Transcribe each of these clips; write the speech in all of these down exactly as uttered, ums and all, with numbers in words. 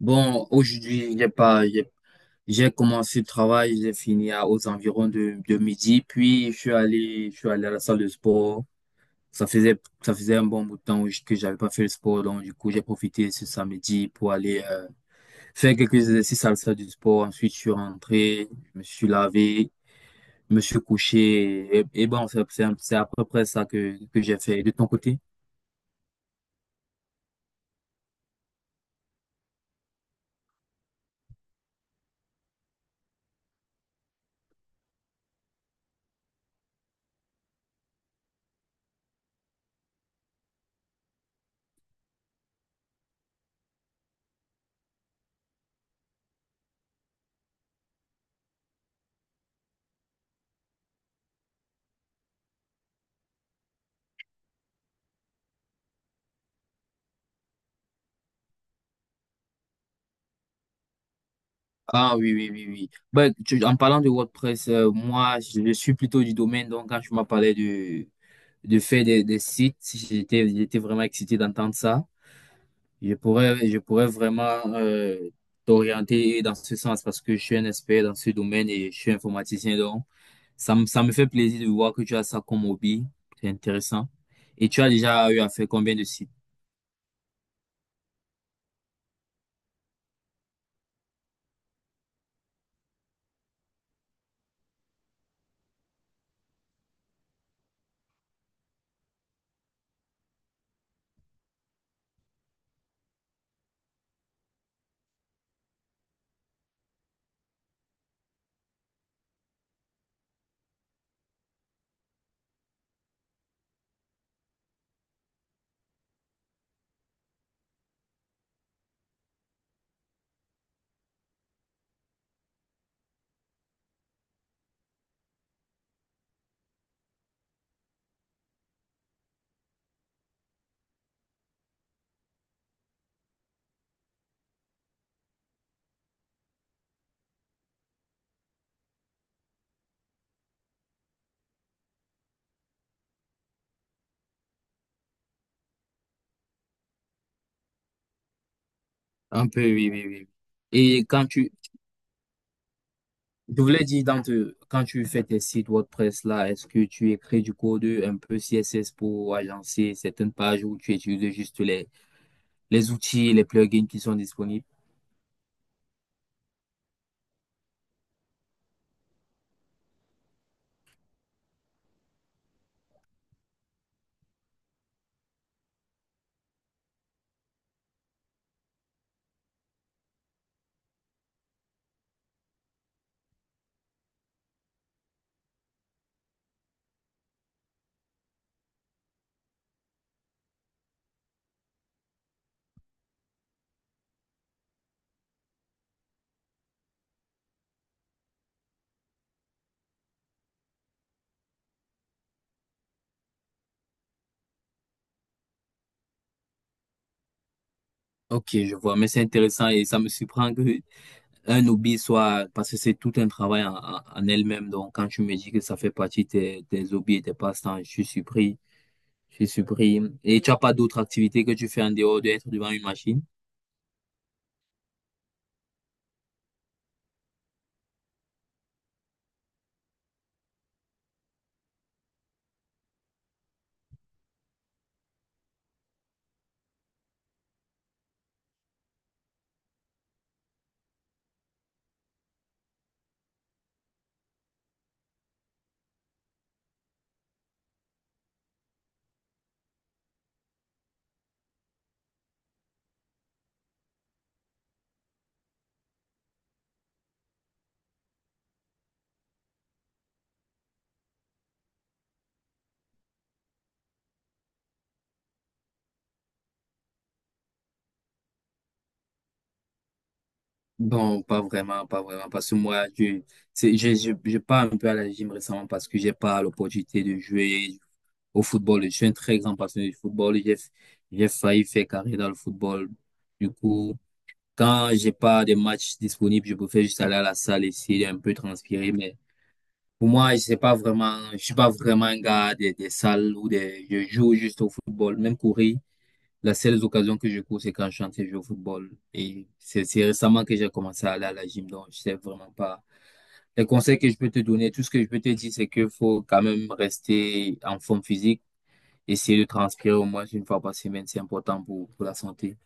Bon, aujourd'hui, j'ai pas, j'ai j'ai commencé le travail, j'ai fini à- aux environs de, de midi, puis je suis allé, je suis allé à la salle de sport. Ça faisait, ça faisait un bon bout de temps que j'avais pas fait le sport, donc du coup, j'ai profité ce samedi pour aller euh, faire quelques exercices à la salle du sport. Ensuite, je suis rentré, je me suis lavé, je me suis couché, et, et bon, c'est c'est- c'est à peu près ça que, que j'ai fait. De ton côté? Ah oui, oui, oui, oui. Ben, tu- en parlant de WordPress, euh, moi, je je suis plutôt du domaine, donc quand tu m'as parlé de, de faire des, des sites, si j'étais, j'étais vraiment excité d'entendre ça. Je pourrais, je pourrais vraiment euh, t'orienter dans ce sens parce que je suis un expert dans ce domaine et je suis informaticien, donc ça me, ça me fait plaisir de voir que tu as ça comme hobby. C'est intéressant. Et tu as déjà eu à faire combien de sites? Un peu, oui, oui, oui. Et quand tu, Je voulais dire, dans te- quand tu fais tes sites WordPress là, est-ce que tu écris du code un peu C S S pour agencer certaines pages ou tu utilises juste les, les outils et les plugins qui sont disponibles? Ok, je vois, mais c'est intéressant et ça me surprend que un hobby soit, parce que c'est tout un travail en, en en elle-même. Donc, quand tu me dis que ça fait partie de tes, tes hobbies et tes passe-temps, je suis surpris, je suis surpris. Et tu as pas d'autres activités que tu fais en dehors d'être devant une machine? Bon, pas vraiment, pas vraiment, parce que moi, je, c'est, je, je, je pars un peu à la gym récemment parce que j'ai pas l'opportunité de jouer au football. Je suis un très grand passionné du football. J'ai, j'ai failli faire carrière dans le football. Du coup, quand j'ai pas de matchs disponibles, je préfère juste aller à la salle, essayer d'un peu transpirer. Mais pour moi, je sais pas vraiment, je suis pas vraiment un gars des, des salles ou des, je joue juste au football, même courir. Les seules occasions que je cours, c'est quand je suis en train de jouer au football. Et c'est c'est récemment que j'ai commencé à aller à la gym, donc je sais vraiment pas. Les conseils que je peux te donner, tout ce que je peux te dire, c'est qu'il faut quand même rester en forme physique, essayer de transpirer au moins une fois par semaine, c'est important pour, pour la santé.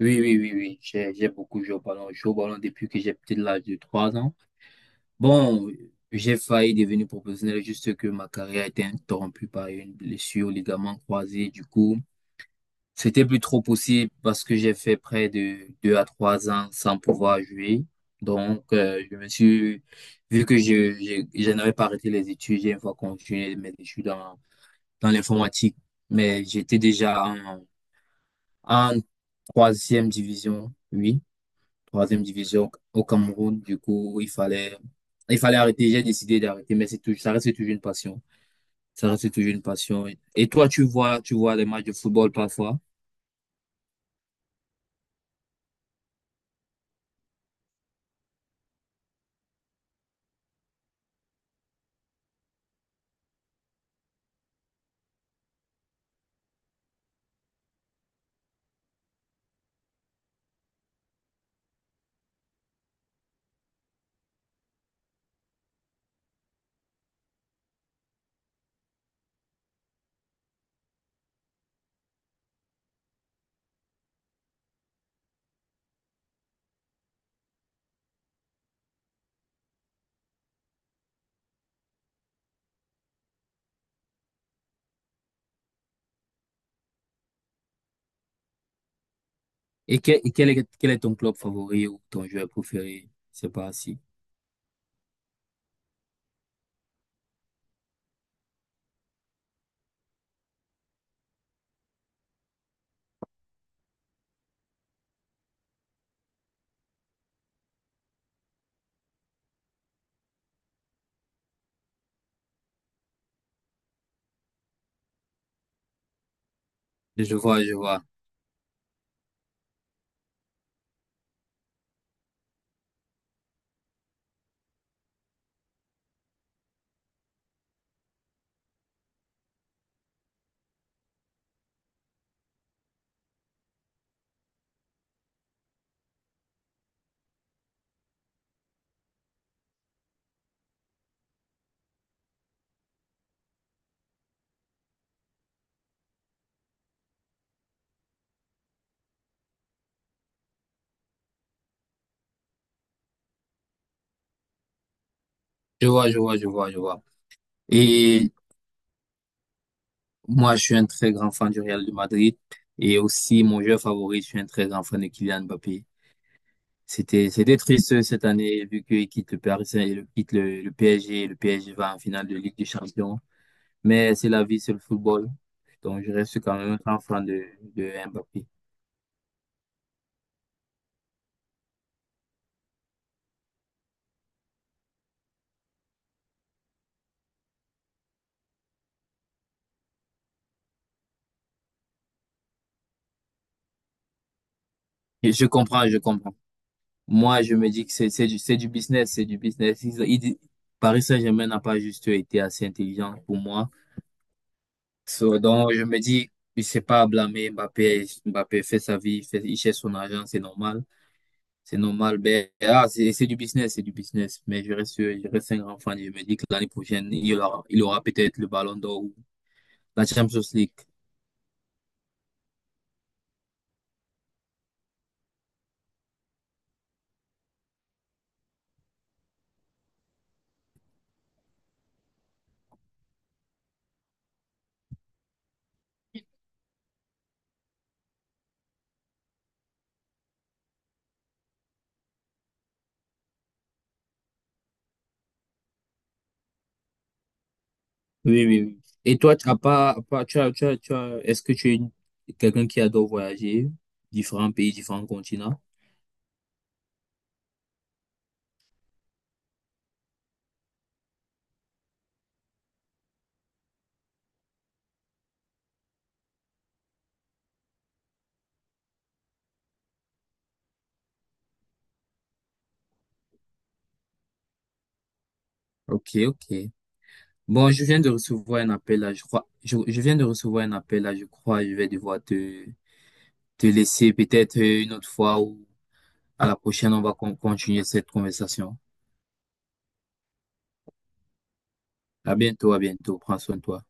Oui, oui, oui, oui, j'ai, j'ai beaucoup joué au ballon. Je joue au ballon depuis que j'ai peut-être l'âge de trois ans. Bon, j'ai failli devenir professionnel, juste que ma carrière a été interrompue par une blessure au ligament croisé, du coup. C'était plus trop possible parce que j'ai fait près de deux à trois ans sans pouvoir jouer. Donc, euh, je me suis, vu que je, je, je n'avais pas arrêté les études, j'ai une fois continué mes études dans, dans l'informatique. Mais j'étais déjà en, en troisième division, oui, troisième division au Cameroun. Du coup, il fallait, il fallait arrêter. J'ai décidé d'arrêter, mais c'est tout, ça reste toujours une passion. Ça reste toujours une passion. Et toi, tu vois, tu vois les matchs de football parfois? Et quel, et quel est, quel est ton club favori ou ton joueur préféré? Je sais pas si. Je vois, je vois. Je vois, je vois, je vois, je vois. Et moi, je suis un très grand fan du Real de Madrid. Et aussi, mon joueur favori, je suis un très grand fan de Kylian Mbappé. C'était, c'était triste euh, cette année, vu qu'il quitte le Paris Saint, il quitte le, le P S G. Le P S G va en finale de Ligue des Champions. Mais c'est la vie, c'est le football. Donc, je reste quand même un grand fan de, de Mbappé. Et je comprends, je comprends. Moi, je me dis que c'est c'est du, c'est du business, c'est du business. Ils, ils- Paris Saint-Germain n'a pas juste été assez intelligent pour moi. So, donc, je me dis, je sais pas à blâmer Mbappé. Mbappé fait sa vie, il fait, il cherche son argent, c'est normal. C'est normal. Ben, ah, c'est c'est du business, c'est du business. Mais je reste, je reste un grand fan. Je me dis que l'année prochaine, il aura, il aura peut-être le Ballon d'Or ou la Champions League. Oui, oui, oui. Et toi, tu as pas, à part- tu as, tu as, tu as, est-ce que tu es une- quelqu'un qui adore voyager, différents pays, différents continents? Ok, ok. Bon, je viens de recevoir un appel là, je crois. Je, je viens de recevoir un appel là, je crois. Je vais devoir te, te laisser peut-être euh, une autre fois ou à la prochaine, on va con- continuer cette conversation. À bientôt, à bientôt. Prends soin de toi.